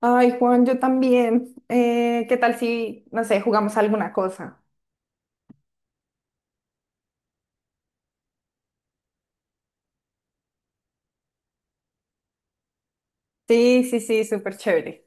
Ay, Juan, yo también. ¿Qué tal si, no sé, jugamos alguna cosa? Sí, sí, sí, súper chévere.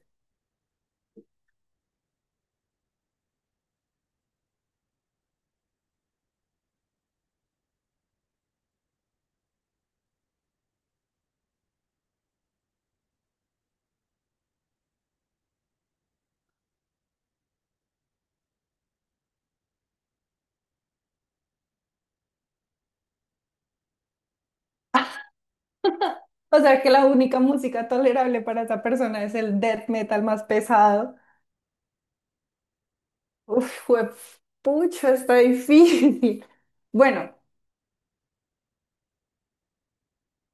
O sea que la única música tolerable para esa persona es el death metal más pesado. Uf, pucho, está difícil. Bueno,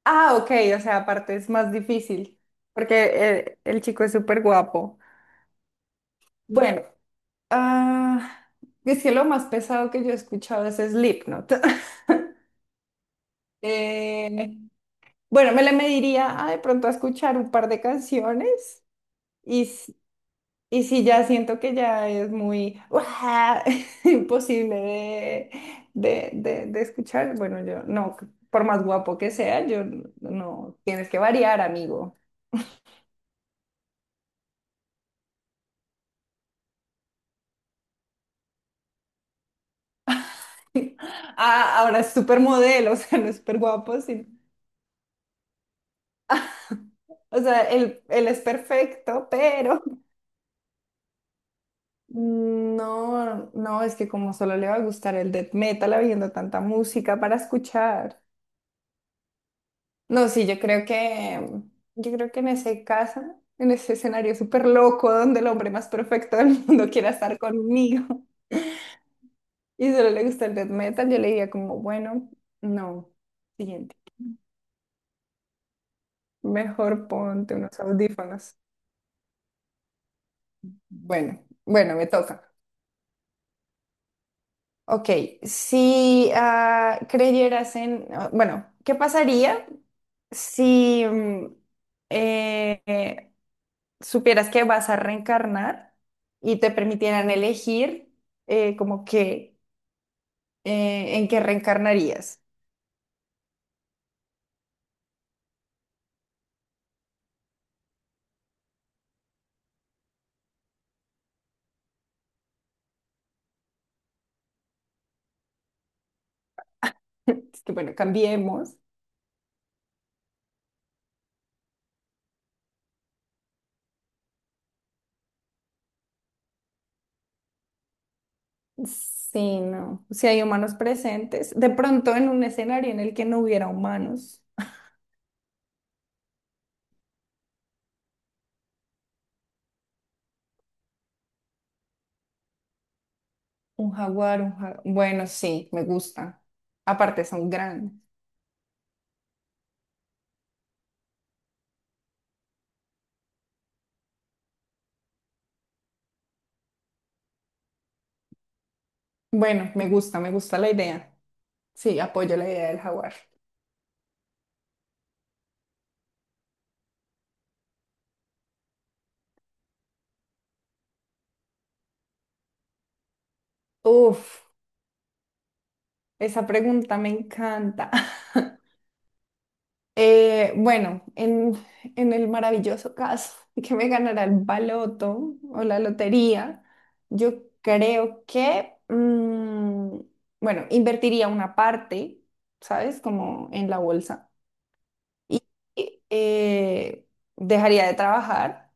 ah, ok, o sea, aparte es más difícil porque el chico es súper guapo. Bueno, ah, es que lo más pesado que yo he escuchado es Slipknot. Eh, bueno, me le mediría a de pronto a escuchar un par de canciones y, s- y si ya siento que ya es muy ¡guau! imposible de escuchar, bueno, yo no, por más guapo que sea, no, tienes que variar, amigo. Ah, ahora es supermodelo, o sea, no es súper guapo, sí. O sea, él es perfecto, pero... No, no, es que como solo le va a gustar el death metal habiendo tanta música para escuchar. No, sí, yo creo que en ese caso, en ese escenario súper loco donde el hombre más perfecto del mundo quiera estar conmigo y solo le gusta el death metal, yo le diría como, bueno, no, siguiente. Mejor ponte unos audífonos. Bueno, bueno, me toca. Ok, si creyeras en, ah, bueno, ¿qué pasaría si eh, eh, supieras que vas a reencarnar y te permitieran elegir como que en qué reencarnarías? Es que bueno, cambiemos. Sí, no. Si hay humanos presentes, de pronto en un escenario en el que no hubiera humanos, un jaguar. Bueno, sí, me gusta. Aparte son grandes. Bueno, me gusta la idea. Sí, apoyo la idea del jaguar. Uf, esa pregunta me encanta. Bueno, en el maravilloso caso de que me ganara el baloto o la lotería, yo creo que, mm, bueno, invertiría una parte, ¿sabes? Como en la bolsa. Y eh, dejaría de trabajar.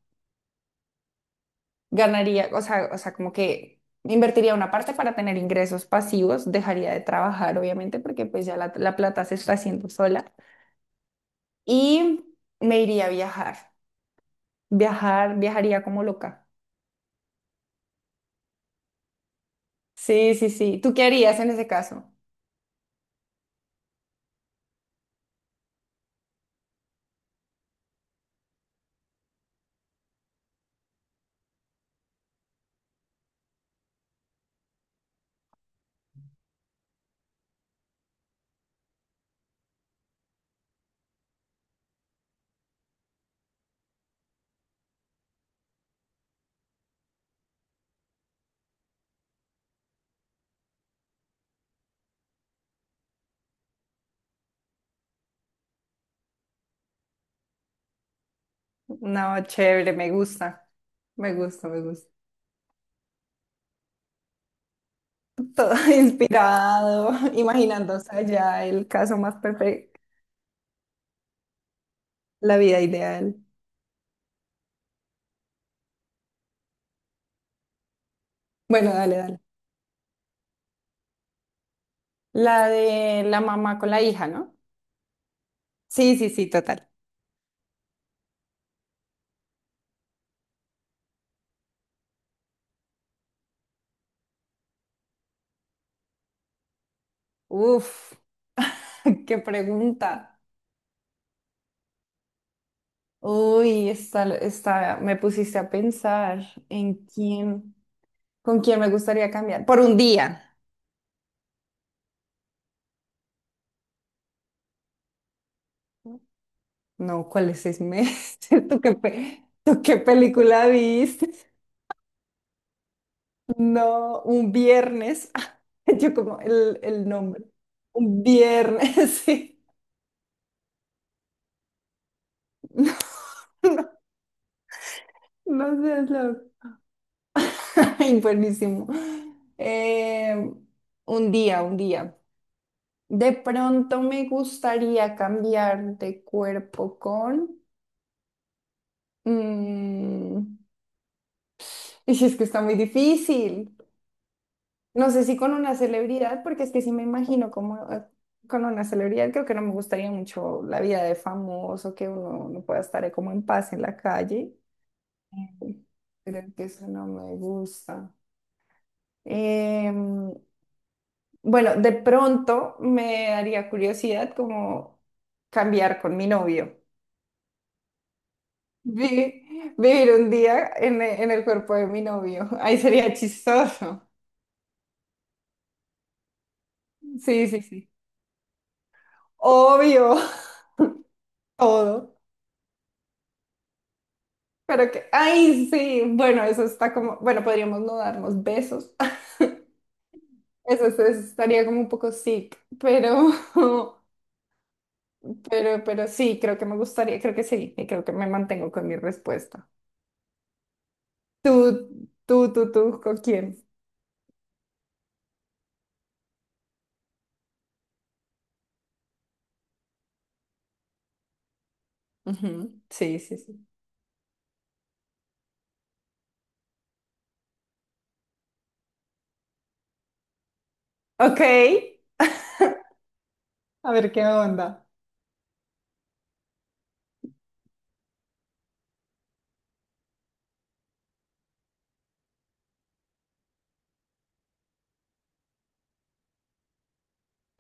Ganaría, o sea, como que invertiría una parte para tener ingresos pasivos, dejaría de trabajar, obviamente, porque pues ya la plata se está haciendo sola y me iría a viajar. Viajar, viajaría como loca. Sí, sí, sí. ¿Tú qué harías en ese caso? No, chévere, me gusta. Todo inspirado, imaginándose allá el caso más perfecto, la vida ideal. Bueno, dale, dale. La de la mamá con la hija, ¿no? Sí, sí, sí, total. Uf, qué pregunta. Uy, me pusiste a pensar en quién, con quién me gustaría cambiar. Por un día. No, ¿cuáles seis meses? ¿Tú qué, tú qué película viste? No, un viernes. Yo como el nombre. Un viernes, sí. No, no seas loco. Ay, buenísimo. Eh, un día, un día. De pronto me gustaría cambiar de cuerpo con... mm, y si es que está muy difícil. No sé si con una celebridad, porque es que si me imagino como con una celebridad, creo que no me gustaría mucho la vida de famoso, que uno no pueda estar como en paz en la calle. Mm. Creo que eso no me gusta. Em, bueno, de pronto me daría curiosidad como cambiar con mi novio. Vivir un día en, en el cuerpo de mi novio. Ahí sería chistoso. Sí, sí, sí. Obvio, todo. Pero que, ay, sí, bueno, eso está como, bueno, podríamos no darnos besos. Eso estaría como un poco sick, pero, pero sí, creo que me gustaría, creo que sí, y creo que me mantengo con mi respuesta. Tú, ¿con quién? Ujú, sí, sí, sí. Ok, a ver qué onda.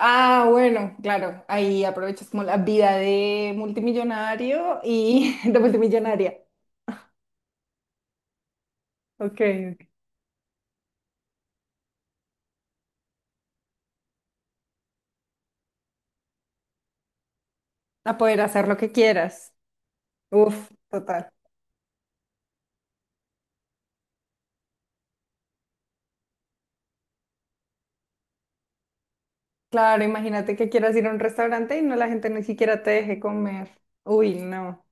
Ah, bueno, claro, ahí aprovechas como la vida de multimillonario y de multimillonaria. Ok, ok. A poder hacer lo que quieras. Uf, total. Claro, imagínate que quieras ir a un restaurante y no la gente ni siquiera te deje comer. Uy, no.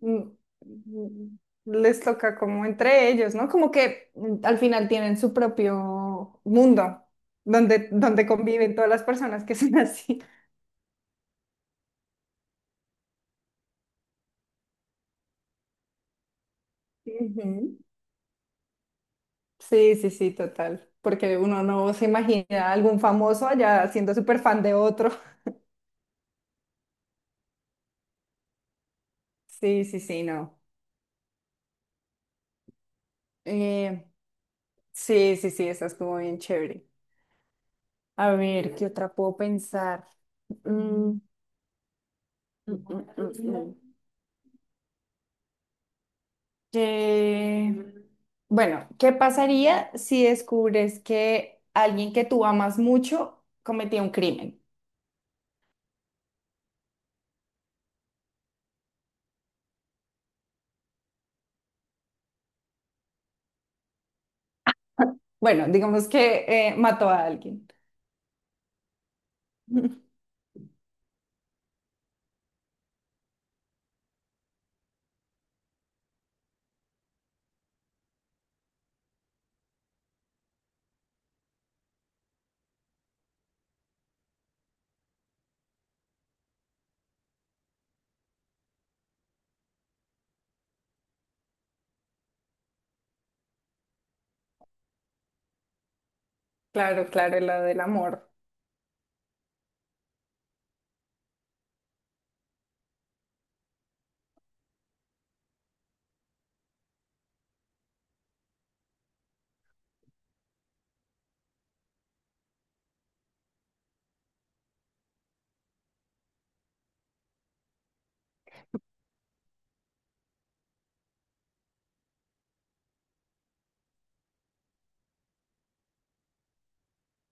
Mm, mm, les toca como entre ellos, ¿no? Como que mm, al final tienen su propio mundo donde conviven todas las personas que son así. Ujú. Sí, sí, sí, total. Porque uno no se imagina a algún famoso allá siendo súper fan de otro. Sí, sí, sí, no. Eh, sí, sí, sí, esa estuvo bien chévere. A ver, ¿qué otra puedo pensar? Mm, mm, mm, mm, mm. Que- Bueno, ¿qué pasaría si descubres que alguien que tú amas mucho cometió un crimen? Bueno, digamos que mató a alguien. Claro, claro, la del amor.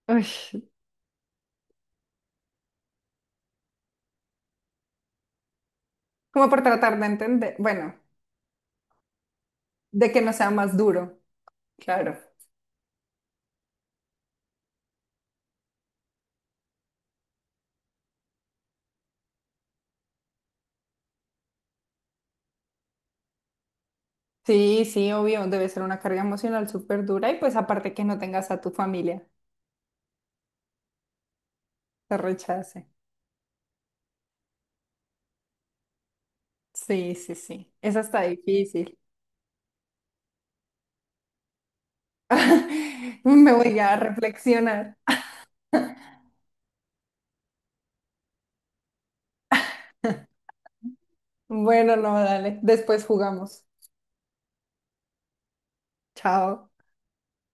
Uy, como por tratar de entender, bueno, de que no sea más duro, claro. Sí, sí, obvio, debe ser una carga emocional súper dura y pues aparte que no tengas a tu familia, te rechace. Sí, sí, sí, esa está difícil. Me voy a reflexionar. Bueno, no, dale, después jugamos. Chao.